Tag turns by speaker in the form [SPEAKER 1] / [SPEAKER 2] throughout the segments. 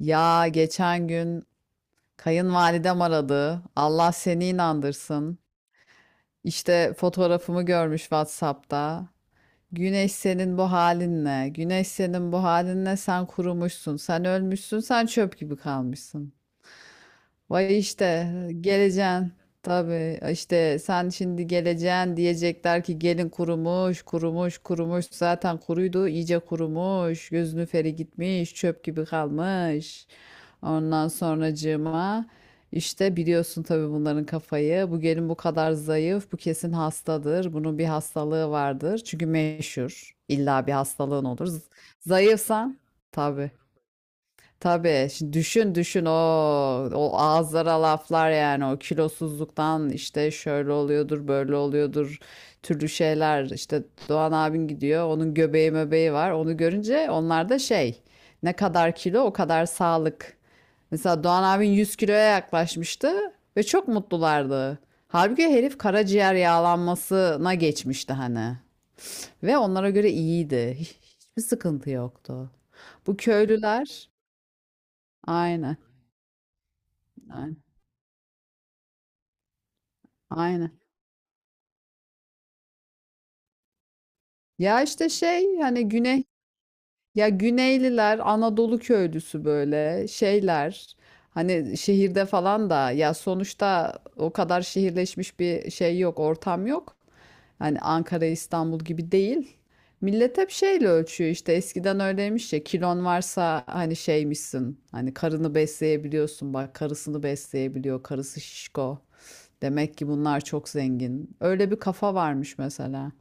[SPEAKER 1] Ya geçen gün kayınvalidem aradı. Allah seni inandırsın. İşte fotoğrafımı görmüş WhatsApp'ta. Güneş senin bu halinle, güneş senin bu halinle sen kurumuşsun, sen ölmüşsün, sen çöp gibi kalmışsın. Vay işte geleceğin. Tabii işte sen şimdi geleceğin, diyecekler ki gelin kurumuş, kurumuş, kurumuş. Zaten kuruydu, iyice kurumuş. Gözünü feri gitmiş, çöp gibi kalmış. Ondan sonracığıma işte biliyorsun tabii bunların kafayı. Bu gelin bu kadar zayıf, bu kesin hastadır. Bunun bir hastalığı vardır. Çünkü meşhur. İlla bir hastalığın olur. Zayıfsan tabii. Tabii. Şimdi düşün düşün o ağızlara laflar, yani o kilosuzluktan işte şöyle oluyordur böyle oluyordur türlü şeyler. İşte Doğan abin gidiyor, onun göbeği möbeği var, onu görünce onlar da şey, ne kadar kilo o kadar sağlık. Mesela Doğan abin 100 kiloya yaklaşmıştı ve çok mutlulardı. Halbuki herif karaciğer yağlanmasına geçmişti hani ve onlara göre iyiydi. Hiçbir sıkıntı yoktu. Bu köylüler. Aynen. Aynen. Aynen. Ya işte şey, hani güney, ya Güneyliler Anadolu köylüsü böyle şeyler. Hani şehirde falan da ya, sonuçta o kadar şehirleşmiş bir şey yok, ortam yok. Hani Ankara İstanbul gibi değil. Millet hep şeyle ölçüyor. İşte eskiden öyleymiş ya, kilon varsa hani şeymişsin, hani karını besleyebiliyorsun, bak karısını besleyebiliyor, karısı şişko. Demek ki bunlar çok zengin. Öyle bir kafa varmış mesela.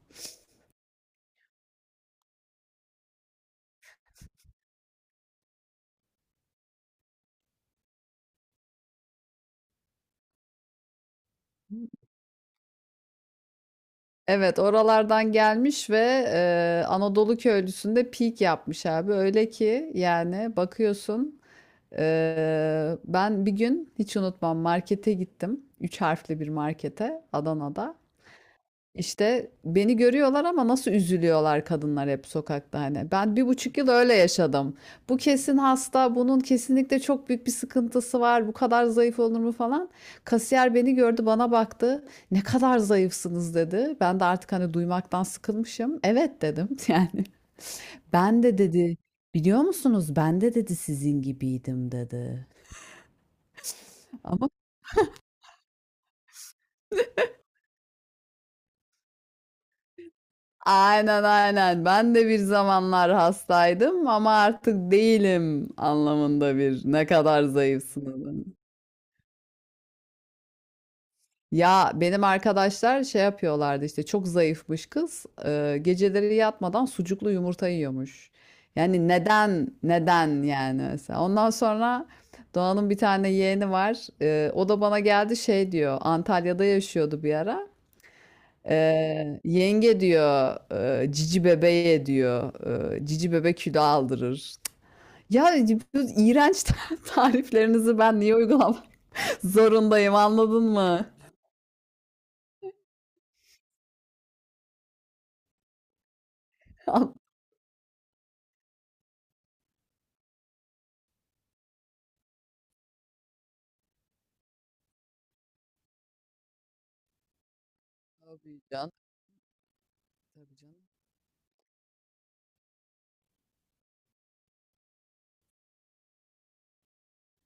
[SPEAKER 1] Evet, oralardan gelmiş ve Anadolu köylüsünde peak yapmış abi. Öyle ki yani bakıyorsun, ben bir gün hiç unutmam markete gittim. Üç harfli bir markete, Adana'da. İşte beni görüyorlar ama nasıl üzülüyorlar kadınlar, hep sokakta hani. Ben bir buçuk yıl öyle yaşadım. Bu kesin hasta, bunun kesinlikle çok büyük bir sıkıntısı var. Bu kadar zayıf olur mu falan. Kasiyer beni gördü, bana baktı. Ne kadar zayıfsınız dedi. Ben de artık hani duymaktan sıkılmışım. Evet dedim yani. Ben de dedi, biliyor musunuz? Ben de dedi sizin gibiydim dedi. Aynen aynen. Ben de bir zamanlar hastaydım ama artık değilim anlamında bir ne kadar zayıfsınız. Ya benim arkadaşlar şey yapıyorlardı, işte çok zayıfmış kız, geceleri yatmadan sucuklu yumurta yiyormuş. Yani neden neden yani mesela. Ondan sonra Doğan'ın bir tane yeğeni var. O da bana geldi, şey diyor. Antalya'da yaşıyordu bir ara. Yenge diyor, cici bebeğe diyor, cici bebek kilo aldırır. Ya, bu iğrenç tariflerinizi ben niye uygulamak zorundayım, anladın mı? Tabii canım, tabii canım.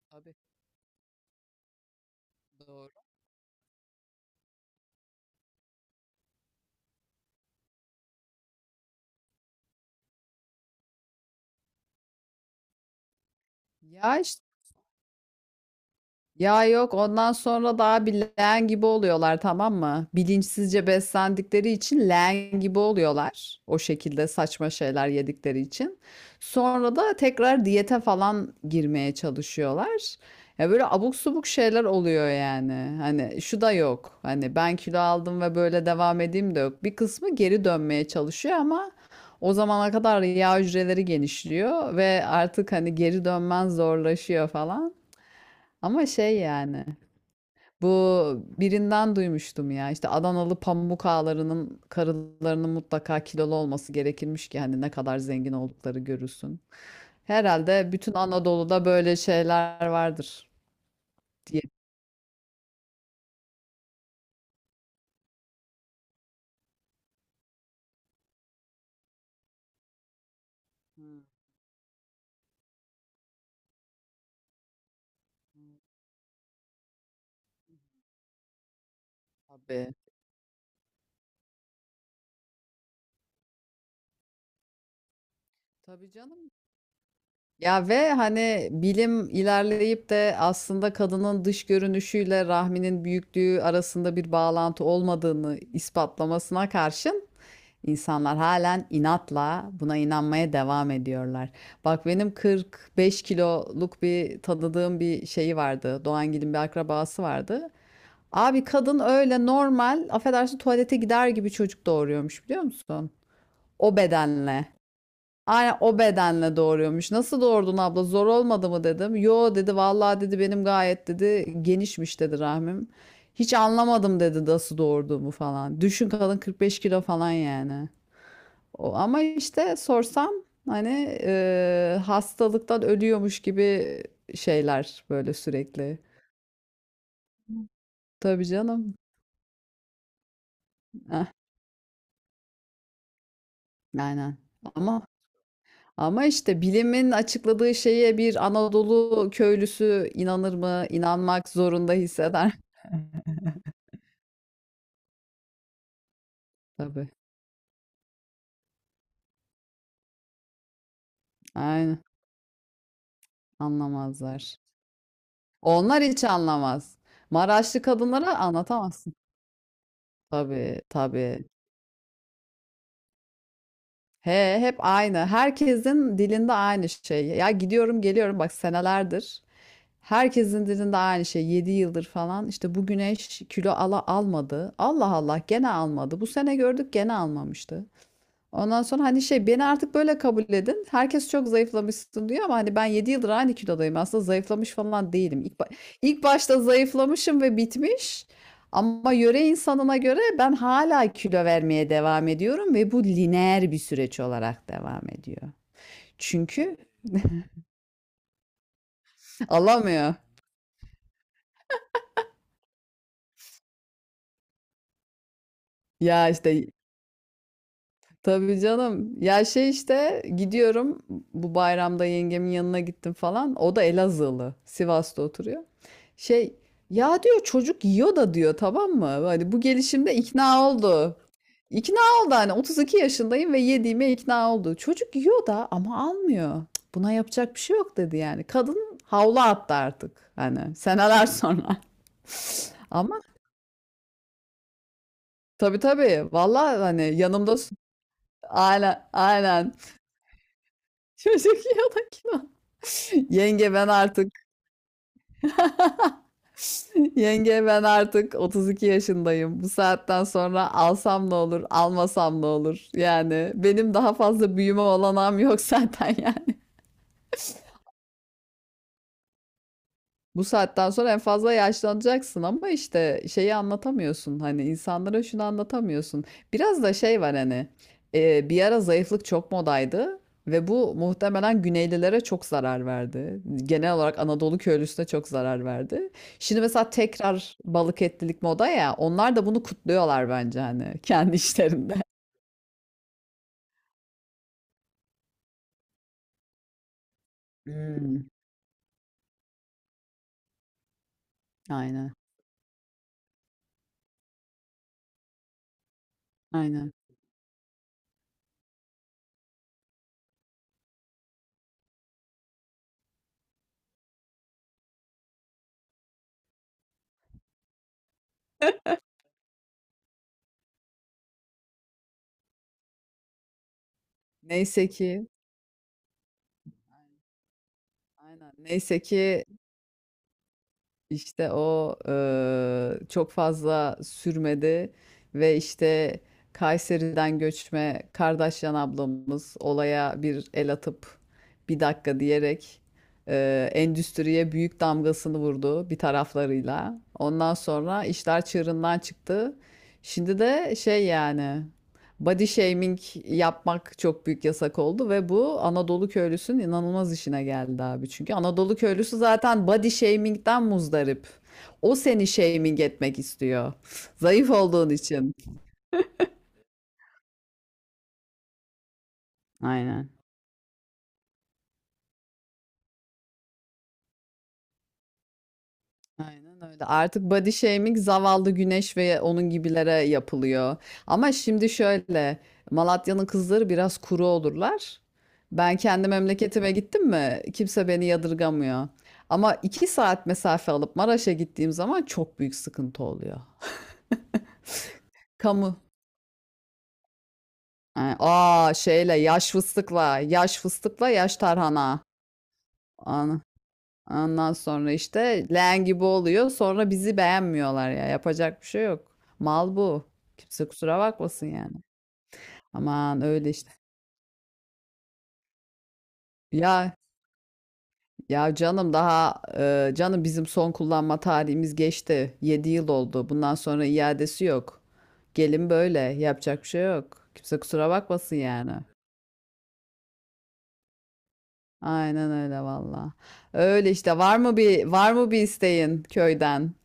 [SPEAKER 1] Tabii doğru. Ya işte, ya yok, ondan sonra daha bir leğen gibi oluyorlar, tamam mı? Bilinçsizce beslendikleri için leğen gibi oluyorlar. O şekilde saçma şeyler yedikleri için. Sonra da tekrar diyete falan girmeye çalışıyorlar. Ya böyle abuk subuk şeyler oluyor yani. Hani şu da yok. Hani ben kilo aldım ve böyle devam edeyim de yok. Bir kısmı geri dönmeye çalışıyor ama o zamana kadar yağ hücreleri genişliyor ve artık hani geri dönmen zorlaşıyor falan. Ama şey yani, bu, birinden duymuştum ya, işte Adanalı pamuk ağalarının karılarının mutlaka kilolu olması gerekirmiş ki hani ne kadar zengin oldukları görülsün. Herhalde bütün Anadolu'da böyle şeyler vardır diye. Hmm, tabii. Tabii canım. Ya ve hani bilim ilerleyip de aslında kadının dış görünüşüyle rahminin büyüklüğü arasında bir bağlantı olmadığını ispatlamasına karşın insanlar halen inatla buna inanmaya devam ediyorlar. Bak benim 45 kiloluk bir tanıdığım bir şeyi vardı. Doğangil'in bir akrabası vardı. Abi kadın öyle normal, affedersin tuvalete gider gibi çocuk doğuruyormuş, biliyor musun? O bedenle. Aynen o bedenle doğuruyormuş. Nasıl doğurdun abla? Zor olmadı mı dedim. Yo dedi, vallahi dedi benim gayet dedi genişmiş dedi rahmim. Hiç anlamadım dedi nasıl doğurduğumu falan. Düşün kadın 45 kilo falan yani. O, ama işte sorsam hani hastalıktan ölüyormuş gibi şeyler böyle sürekli. Tabii canım. Eh, aynen. Ama Ama işte bilimin açıkladığı şeye bir Anadolu köylüsü inanır mı? İnanmak zorunda hisseder. Tabii. Aynen. Anlamazlar. Onlar hiç anlamaz. Maraşlı kadınlara anlatamazsın. Tabii, tabii. He, hep aynı. Herkesin dilinde aynı şey. Ya gidiyorum geliyorum bak senelerdir. Herkesin dilinde aynı şey. 7 yıldır falan. İşte bu güneş kilo ala almadı. Allah Allah gene almadı. Bu sene gördük gene almamıştı. Ondan sonra hani şey, beni artık böyle kabul edin. Herkes çok zayıflamışsın diyor ama hani ben 7 yıldır aynı kilodayım. Aslında zayıflamış falan değilim. İlk başta zayıflamışım ve bitmiş. Ama yöre insanına göre ben hala kilo vermeye devam ediyorum ve bu lineer bir süreç olarak devam ediyor. Çünkü alamıyor. Ya işte, tabii canım. Ya şey işte gidiyorum, bu bayramda yengemin yanına gittim falan. O da Elazığlı. Sivas'ta oturuyor. Şey, ya diyor çocuk yiyor da diyor, tamam mı? Hani bu gelişimde ikna oldu. İkna oldu, hani 32 yaşındayım ve yediğime ikna oldu. Çocuk yiyor da ama almıyor. Cık, buna yapacak bir şey yok dedi yani. Kadın havlu attı artık hani, seneler sonra. Ama tabii tabii valla hani yanımda aynen aynen. Çocuk yanakına. Yenge ben artık Yenge ben artık 32 yaşındayım. Bu saatten sonra alsam ne olur, almasam ne olur? Yani benim daha fazla büyüme olanağım yok zaten yani. Bu saatten sonra en fazla yaşlanacaksın ama işte şeyi anlatamıyorsun, hani insanlara şunu anlatamıyorsun. Biraz da şey var hani, bir ara zayıflık çok modaydı ve bu muhtemelen Güneylilere çok zarar verdi. Genel olarak Anadolu köylüsüne çok zarar verdi. Şimdi mesela tekrar balık etlilik moda ya, onlar da bunu kutluyorlar bence hani kendi işlerinde. Hmm, aynen aynen. Neyse ki. Aynen. Neyse ki. İşte o çok fazla sürmedi ve işte Kayseri'den göçme Kardeşyan ablamız olaya bir el atıp, bir dakika diyerek, endüstriye büyük damgasını vurdu bir taraflarıyla. Ondan sonra işler çığırından çıktı. Şimdi de şey yani, body shaming yapmak çok büyük yasak oldu ve bu Anadolu köylüsünün inanılmaz işine geldi abi. Çünkü Anadolu köylüsü zaten body shaming'den muzdarip. O seni shaming etmek istiyor. Zayıf olduğun için. Aynen. Aynen öyle. Artık body shaming zavallı Güneş ve onun gibilere yapılıyor. Ama şimdi şöyle, Malatya'nın kızları biraz kuru olurlar. Ben kendi memleketime gittim mi kimse beni yadırgamıyor. Ama iki saat mesafe alıp Maraş'a gittiğim zaman çok büyük sıkıntı oluyor. Kamu. Ha, aa şeyle yaş fıstıkla, yaş fıstıkla yaş tarhana. Ana. Ondan sonra işte leğen gibi oluyor. Sonra bizi beğenmiyorlar ya. Yapacak bir şey yok. Mal bu. Kimse kusura bakmasın yani. Aman öyle işte. Ya ya canım, daha canım bizim son kullanma tarihimiz geçti. Yedi yıl oldu. Bundan sonra iadesi yok. Gelin böyle. Yapacak bir şey yok. Kimse kusura bakmasın yani. Aynen öyle valla. Öyle işte, var mı bir isteğin köyden?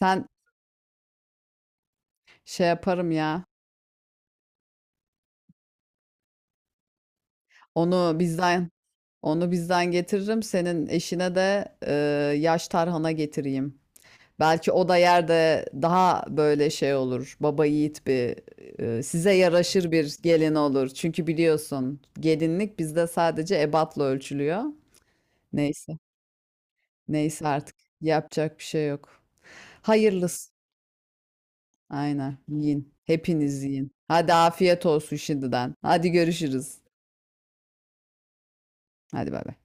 [SPEAKER 1] Sen şey yaparım ya. Onu bizden Onu bizden getiririm. Senin eşine de yaş tarhana getireyim. Belki o da yerde daha böyle şey olur. Baba yiğit bir, size yaraşır bir gelin olur. Çünkü biliyorsun gelinlik bizde sadece ebatla ölçülüyor. Neyse. Neyse artık. Yapacak bir şey yok. Hayırlısı. Aynen. Yiyin. Hepiniz yiyin. Hadi afiyet olsun şimdiden. Hadi görüşürüz. Hadi bay bay.